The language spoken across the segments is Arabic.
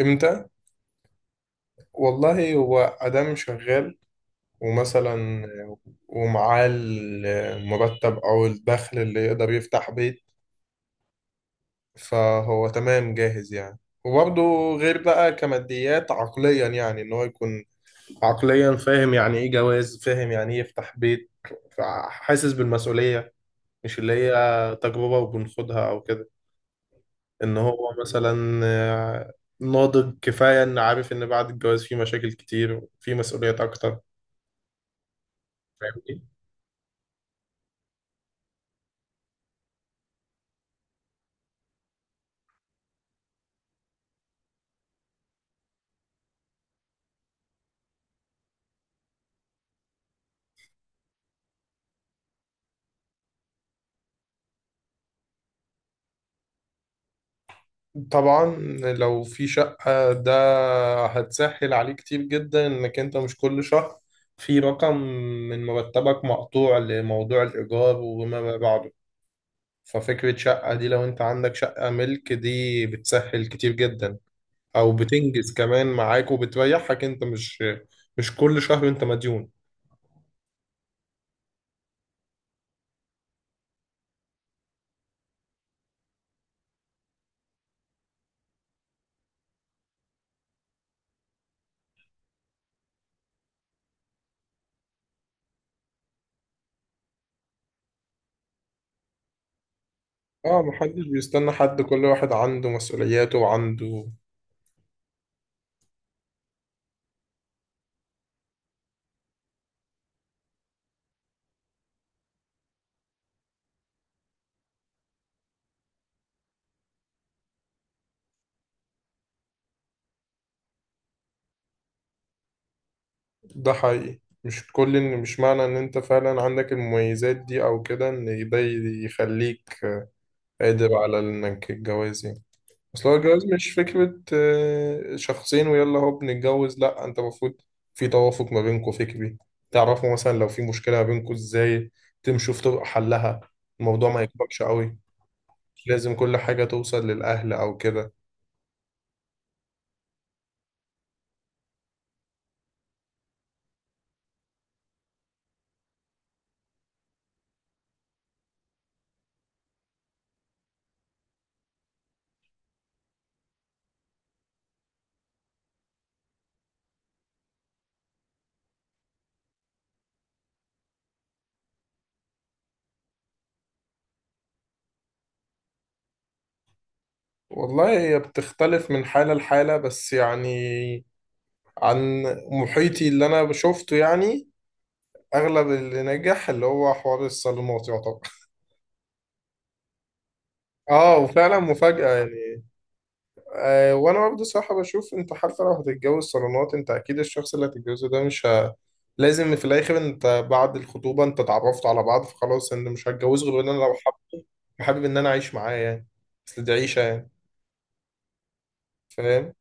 امتى؟ والله هو ادم شغال، ومثلا ومعاه المرتب او الدخل اللي يقدر يفتح بيت، فهو تمام جاهز يعني. وبرضه غير بقى كماديات، عقليا يعني ان هو يكون عقليا فاهم يعني ايه جواز، فاهم يعني ايه يفتح بيت، حاسس بالمسؤولية، مش اللي هي تجربة وبنخدها او كده. ان هو مثلا ناضج كفاية، ان عارف ان بعد الجواز في مشاكل كتير وفي مسؤوليات اكتر. فاهمني؟ طبعا. لو في شقة، ده هتسهل عليه كتير جدا، انك انت مش كل شهر في رقم من مرتبك مقطوع لموضوع الإيجار وما بعده. ففكرة شقة دي، لو انت عندك شقة ملك، دي بتسهل كتير جدا، او بتنجز كمان معاك وبتريحك، انت مش كل شهر انت مديون. اه، محدش بيستنى حد، كل واحد عنده مسؤولياته وعنده. ده حقيقي، مش معنى ان انت فعلا عندك المميزات دي او كده ان ده يخليك قادر على انك الجواز يعني. اصل هو الجواز مش فكرة شخصين ويلا هو بنتجوز، لا انت المفروض في توافق ما بينكم فكري، تعرفوا مثلا لو في مشكلة ما بينكم ازاي تمشوا في طرق حلها، الموضوع ما يكبرش قوي. مش لازم كل حاجة توصل للأهل او كده. والله هي بتختلف من حالة لحالة، بس يعني عن محيطي اللي انا شفته يعني، اغلب اللي نجح اللي هو حوار الصالونات يعتبر. اه، وفعلا مفاجأة يعني. آه، وانا برضه صراحة بشوف انت حتى لو هتتجوز صالونات، انت اكيد الشخص اللي هتتجوزه ده مش ه... لازم في الاخر، انت بعد الخطوبة انت اتعرفت على بعض، فخلاص انت مش هتجوز غير انا لو حابب ان انا اعيش معاه يعني. اصل دي عيشة يعني. فاهم؟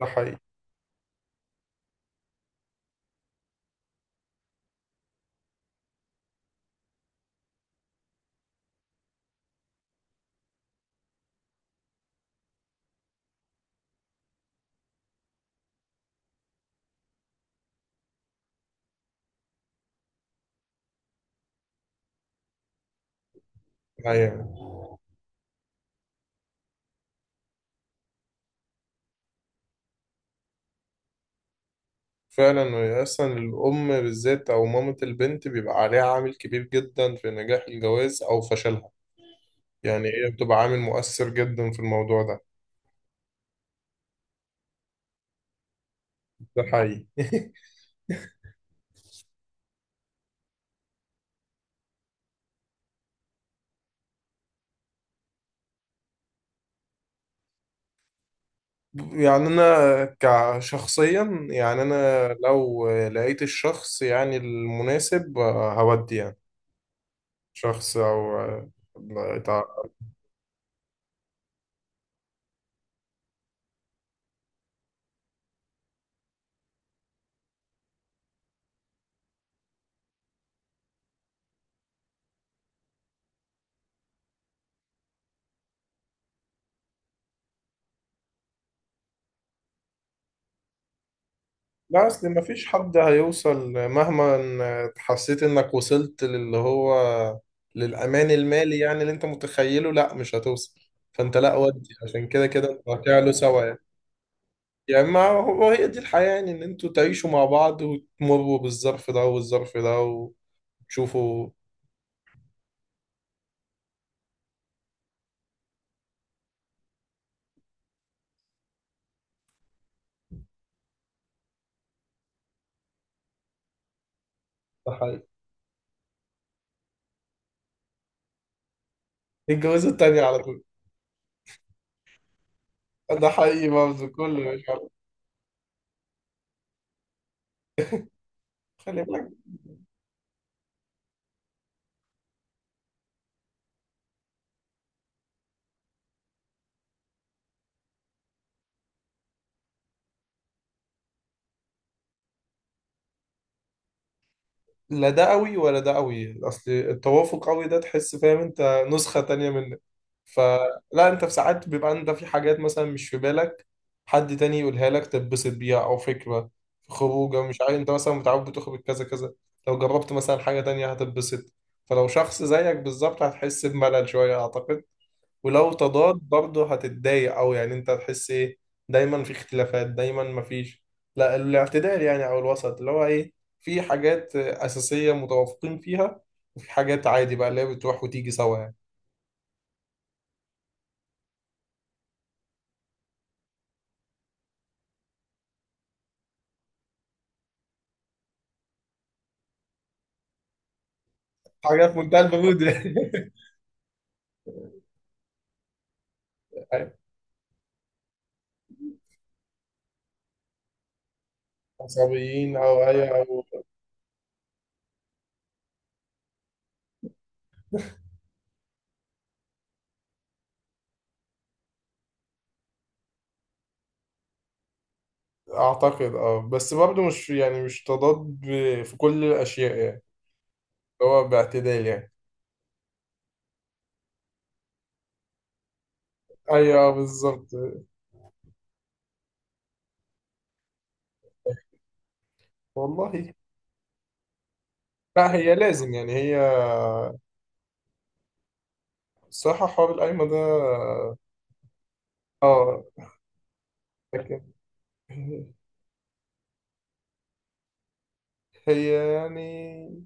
ده حقيقي. ايوه، فعلا اصلا الام بالذات او مامة البنت بيبقى عليها عامل كبير جدا في نجاح الجواز او فشلها، يعني هي بتبقى عامل مؤثر جدا في الموضوع ده. ده حقيقي. يعني انا كشخصيا، يعني انا لو لقيت الشخص يعني المناسب، هودي يعني شخص او آه، لا تع- لا، اصل ما فيش حد هيوصل، مهما إن حسيت انك وصلت للي هو للامان المالي يعني اللي انت متخيله، لا مش هتوصل. فانت لا، ودي عشان كده كده انت هتعلو سوا يعني. يعني ما هو هي دي الحياة يعني، إن أنتوا تعيشوا مع بعض وتمروا بالظرف ده والظرف ده وتشوفوا. ده حقيقي. الجوازة التانية على طول. ده حقيقي برضه، كله مش عارف. خلي بالك. لا ده قوي ولا ده قوي، اصل التوافق قوي ده تحس فاهم انت نسخة تانية منك، فلا انت في ساعات بيبقى انت في حاجات مثلا مش في بالك، حد تاني يقولها لك تتبسط بيها، او فكرة في خروجه، مش عارف انت مثلا متعود بتخرج كذا كذا، لو جربت مثلا حاجة تانية هتتبسط. فلو شخص زيك بالظبط هتحس بملل شوية اعتقد. ولو تضاد برضه هتتضايق أوي، يعني أنت هتحس إيه، دايما في اختلافات، دايما مفيش. لا، الاعتدال يعني أو الوسط، اللي هو إيه، في حاجات أساسية متوافقين فيها، وفي حاجات عادي بقى اللي هي بتروح وتيجي سوا يعني. حاجات في منتهى البرود. أيوة. عصبيين أو أي أو أعتقد أه، بس برضه مش يعني مش تضاد في كل الأشياء يعني، اللي هو باعتدال يعني. أيوه بالظبط. والله. لا هي لازم، يعني هي الصراحة حوار القايمة ده. اه. لكن هي يعني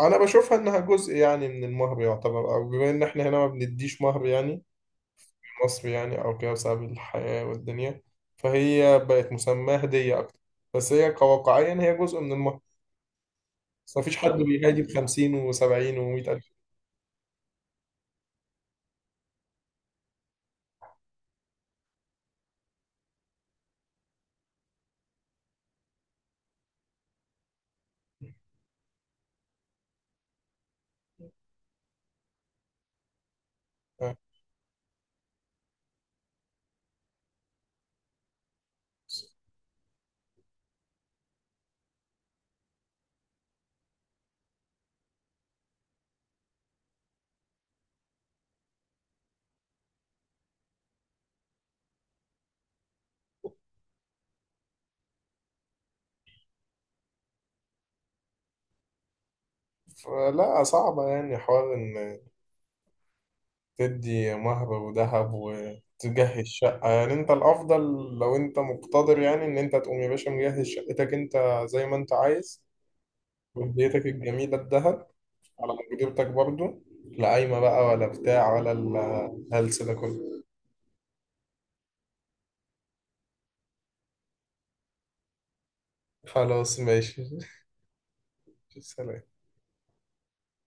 أنا بشوفها إنها جزء يعني من المهر يعتبر، أو بما إن إحنا هنا ما بنديش مهر، يعني في مصر يعني أو كده بسبب الحياة والدنيا، فهي بقت مسماة هدية أكتر، بس هي كواقعيا هي جزء من المهر، بس مفيش حد بيهادي بـ50 و70 و100,000. آه. فلا صعبة يعني، حوار تدي مهر وذهب وتجهز شقة، يعني انت الافضل لو انت مقتدر، يعني ان انت تقوم يا باشا مجهز شقتك انت زي ما انت عايز، وبديتك الجميلة الذهب على مقدرتك برضو، لا قايمة بقى ولا بتاع ولا الهلس ده كله. خلاص ماشي. سلام.